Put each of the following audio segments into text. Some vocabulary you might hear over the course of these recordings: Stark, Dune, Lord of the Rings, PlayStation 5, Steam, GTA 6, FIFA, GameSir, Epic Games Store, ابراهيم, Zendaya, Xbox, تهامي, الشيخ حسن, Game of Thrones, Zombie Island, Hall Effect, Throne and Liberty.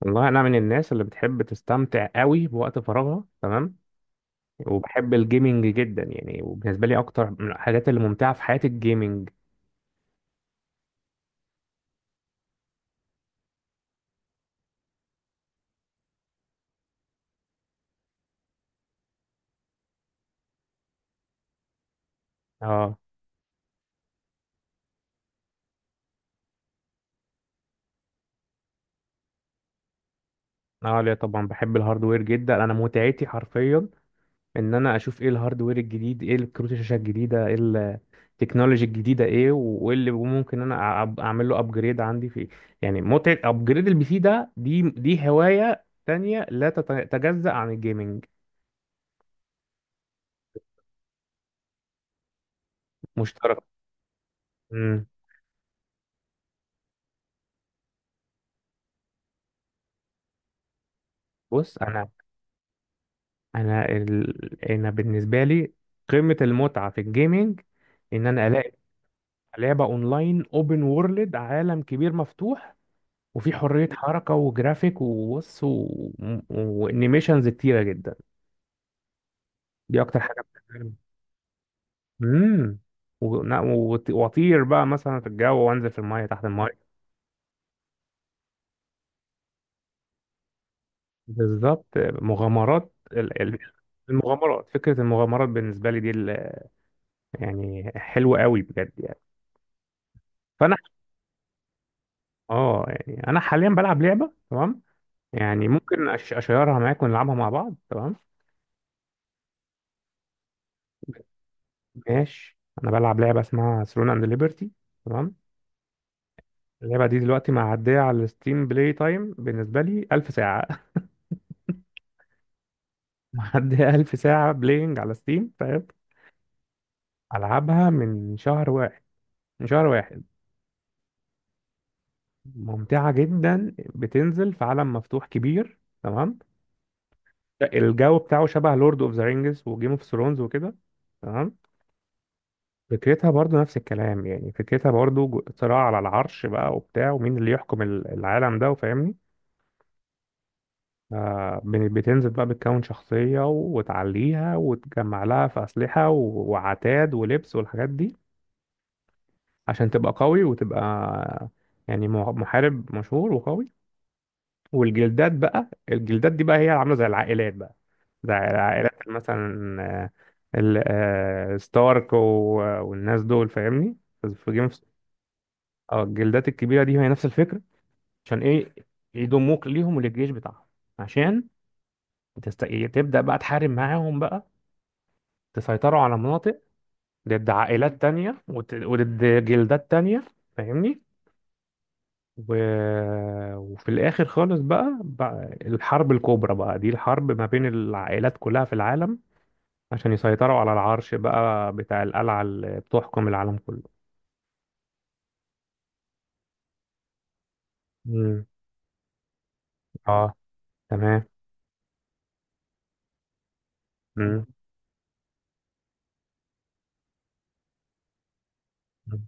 والله انا من الناس اللي بتحب تستمتع قوي بوقت فراغها، تمام. وبحب الجيمنج جدا يعني، وبالنسبه لي اكتر من الحاجات اللي ممتعه في حياتي الجيمنج. اه اه، لا طبعا بحب الهاردوير جدا. انا متعتي حرفيا ان انا اشوف ايه الهاردوير الجديد، ايه الكروت الشاشه الجديده، ايه التكنولوجي الجديده، ايه وايه اللي ممكن انا اعمل له ابجريد عندي فيه. يعني متعه ابجريد البي سي ده دي هوايه تانية لا تتجزأ عن الجيمنج. مشترك. امم بص، انا بالنسبه لي قمه المتعه في الجيمنج ان انا الاقي لعبه اونلاين اوبن وورلد، عالم كبير مفتوح، وفي حريه حركه وجرافيك، وبص، وانيميشنز كتيره جدا. دي اكتر حاجه بتعجبني. امم واطير بقى مثلا في الجو، وانزل في المايه، تحت المايه. بالظبط، مغامرات المغامرات. فكره المغامرات بالنسبه لي دي يعني حلوه قوي بجد يعني. فانا، اه يعني انا حاليا بلعب لعبه، تمام؟ يعني ممكن اشيرها معاك ونلعبها مع بعض، تمام. ماشي، انا بلعب لعبه اسمها ثرون اند ليبرتي، تمام. اللعبه دي دلوقتي معديه على الستيم، بلاي تايم بالنسبه لي 1000 ساعه معديه 1000 ساعه بلاينج على ستيم. طيب، العبها من شهر واحد، من شهر واحد. ممتعه جدا، بتنزل في عالم مفتوح كبير، تمام. الجو بتاعه شبه لورد اوف ذا رينجز وجيم اوف ثرونز وكده. تمام. فكرتها برضو نفس الكلام، يعني فكرتها برضو صراع على العرش بقى وبتاع، ومين اللي يحكم العالم ده، وفاهمني؟ بتنزل بقى، بتكون شخصية وتعليها وتجمع لها في أسلحة وعتاد ولبس والحاجات دي عشان تبقى قوي وتبقى يعني محارب مشهور وقوي. والجلدات بقى، الجلدات دي بقى هي عاملة زي العائلات بقى، زي العائلات مثلا. آه، ستارك والناس دول، فاهمني؟ في جيم اوف. اه، الجلدات الكبيرة دي هي نفس الفكرة. عشان ايه؟ يضموك ليهم وللجيش بتاعهم، عشان تبدأ بقى تحارب معاهم بقى، تسيطروا على مناطق ضد عائلات تانية وضد جلدات تانية. فاهمني؟ و... وفي الآخر خالص بقى، الحرب الكبرى بقى، دي الحرب ما بين العائلات كلها في العالم عشان يسيطروا على العرش بقى بتاع القلعة اللي بتحكم العالم كله. مم. اه، تمام. مم. مم.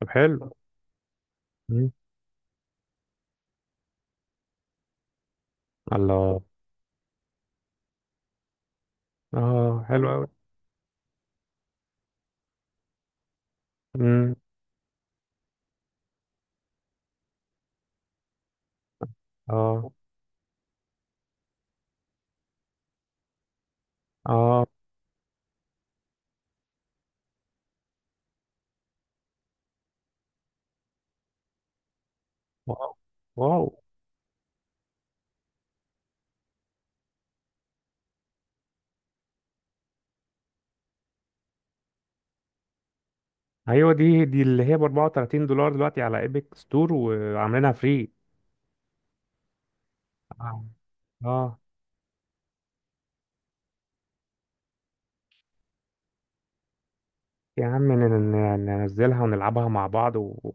طب حلو. مم. الله. اه، حلو قوي. اه. اه. واو، واو. ايوه، دي اللي هي ب $34 دلوقتي على ايبك ستور، وعاملينها فري. اه. آه. يا عم، ننزلها ونلعبها مع بعض،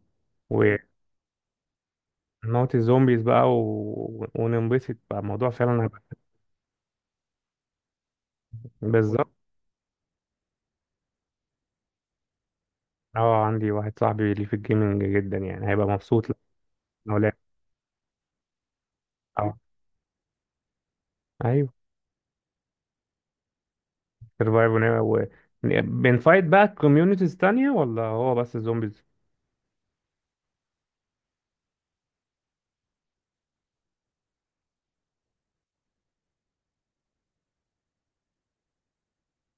ونموت الزومبيز بقى، وننبسط بقى. الموضوع فعلا هيبقى. بالظبط. اه، عندي واحد صاحبي ليه في الجيمنج جدا، يعني هيبقى مبسوط لو لعب. اه، ايوه. سرفايف و... بنفايت بقى كوميونيتيز تانية، ولا هو بس الزومبيز؟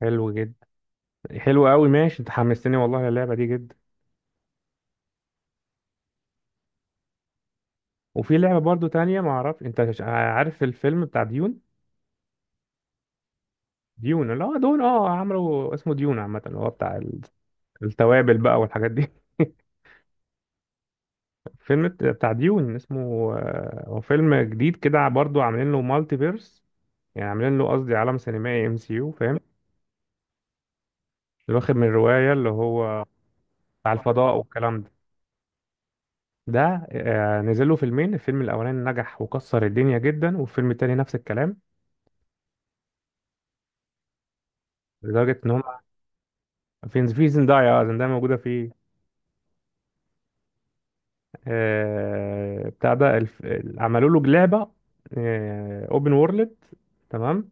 حلو جدا. حلو قوي. ماشي، انت حمستني والله اللعبة دي جدا. وفي لعبة برضو تانية، ما اعرف انت عارف الفيلم بتاع ديون؟ ديون اللي هو دون، عمرو اسمه ديون عامة، اللي هو بتاع التوابل بقى والحاجات دي فيلم بتاع ديون اسمه، هو فيلم جديد كده برضو عاملين له مالتي فيرس، يعني عاملين له، قصدي، عالم سينمائي ام سي يو، فاهم؟ اللي واخد من الرواية، اللي هو بتاع الفضاء والكلام ده. ده، نزل له فيلمين، الفيلم الاولاني نجح وكسر الدنيا جدا، والفيلم التاني نفس الكلام، لدرجة ان هم في زندايا، زندايا موجودة فيه. بتاع ده، عملوا له لعبة اوبن وورلد، تمام.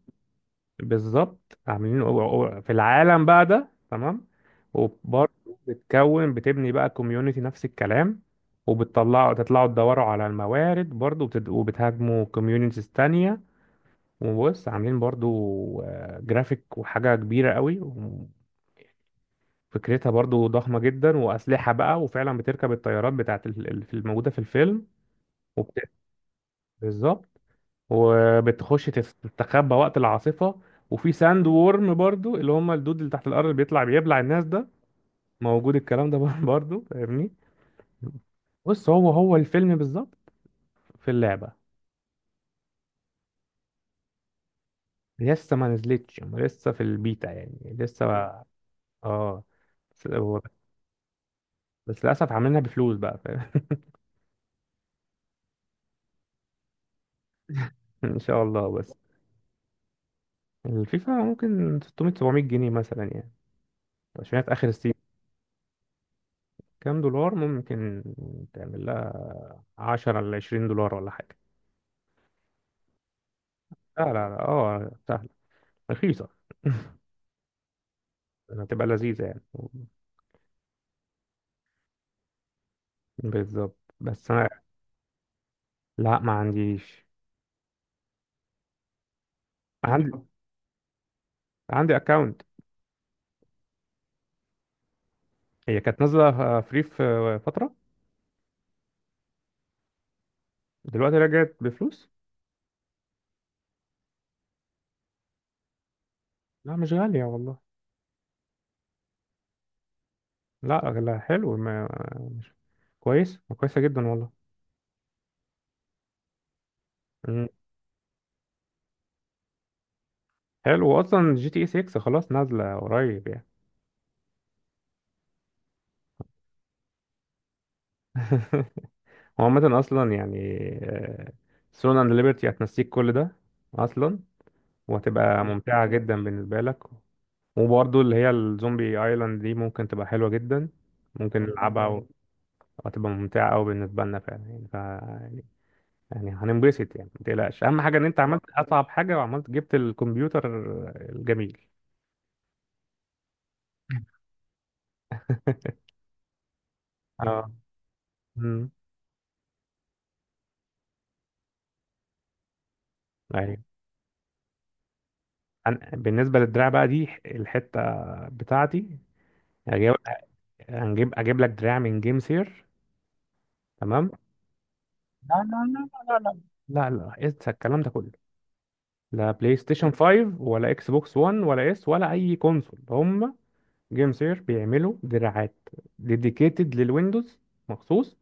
بالظبط، عاملين في العالم بقى ده، تمام. وبرضه بتكون بتبني بقى كوميونتي، نفس الكلام. وبتطلعوا، تطلعوا تدوروا على الموارد برضه، وبتهاجموا كوميونيتيز تانية. وبص، عاملين برضه جرافيك وحاجة كبيرة قوي. وفكرتها برضه ضخمة جدا، وأسلحة بقى، وفعلا بتركب الطيارات بتاعت الموجودة في الفيلم. وبت... بالظبط، وبتخش تستخبى وقت العاصفة. وفي ساند وورم برضو، اللي هم الدود اللي تحت الأرض، اللي بيطلع بيبلع الناس ده. موجود الكلام ده برضو فاهمني؟ بص، هو هو الفيلم بالظبط في اللعبة. لسه ما نزلتش، هم لسه في البيتا، يعني لسه اه، بس بس للأسف عاملينها بفلوس بقى، فاهم؟ إن شاء الله، بس. الفيفا ممكن 600 700 جنيه مثلا يعني، عشان هي في آخر السيزون. كام دولار ممكن تعمل لها؟ 10 ل $20 ولا حاجة. لا لا لا، اه، رخيصة. يعني هتبقى لذيذة يعني. بالظبط، بس أنا. لا، ما عنديش. عندي، أكاونت. هي كانت نازلة فري في فترة، دلوقتي رجعت بفلوس. لا، مش غالية والله. لا لا، حلو، ما، مش كويس كويسة جدا والله. مم. حلو. أصلا جي تي اي 6 خلاص نازلة قريب يعني. هو عامة أصلا يعني، سون أند ليبرتي هتنسيك كل ده أصلا، وهتبقى ممتعة جدا بالنسبة لك. وبرضه اللي هي الزومبي ايلاند دي ممكن تبقى حلوة جدا، ممكن نلعبها وهتبقى ممتعة أوي بالنسبة لنا فعلا، يعني ف يعني، يعني هننبسط يعني. ما تقلقش، أهم حاجة إن أنت عملت أصعب حاجة، وعملت جبت الكمبيوتر الجميل. اه. امم ايوه. بالنسبه للدراع بقى دي الحته بتاعتي. هجيب هنجيب اجيب لك دراع من جيم سير، تمام. لا لا لا لا لا، لا لا لا، انسى الكلام ده كله. لا بلاي ستيشن 5، ولا اكس بوكس 1، ولا اس، ولا اي كونسول هم. جيم سير بيعملوا دراعات ديديكيتد للويندوز، مخصوص،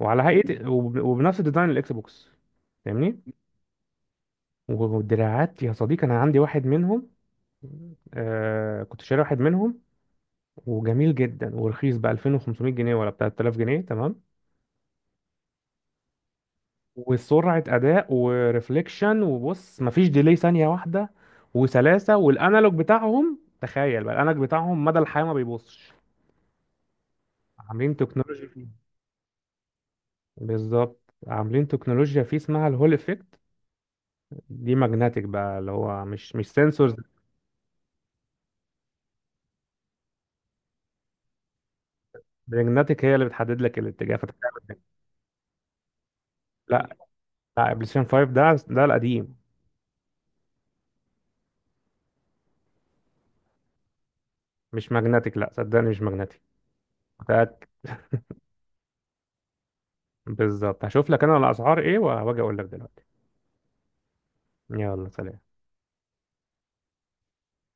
وعلى هيئه وبنفس ديزاين الاكس بوكس. فاهمني؟ والدراعات يا صديقي انا عندي واحد منهم. كنت شاري واحد منهم، وجميل جدا ورخيص ب 2500 جنيه ولا بتاع 3000 جنيه، تمام. وسرعة أداء، وريفليكشن، وبص مفيش ديلي ثانية واحدة. وسلاسة. والأنالوج بتاعهم، تخيل بقى الأنالوج بتاعهم مدى الحياة ما بيبصش. عاملين تكنولوجيا فيه. بالظبط، عاملين تكنولوجيا فيه اسمها الهول افكت. دي ماجنتيك بقى، اللي هو مش سنسورز، ماجنتيك. هي اللي بتحدد لك الاتجاه فتعمل كده. لا لا، بلاي ستيشن 5 ده القديم. مش ماجنتيك، لا صدقني مش ماجنتيك. متأكد. بالظبط، هشوف لك انا الاسعار ايه، وهاجي اقول لك دلوقتي. يلا، سلام.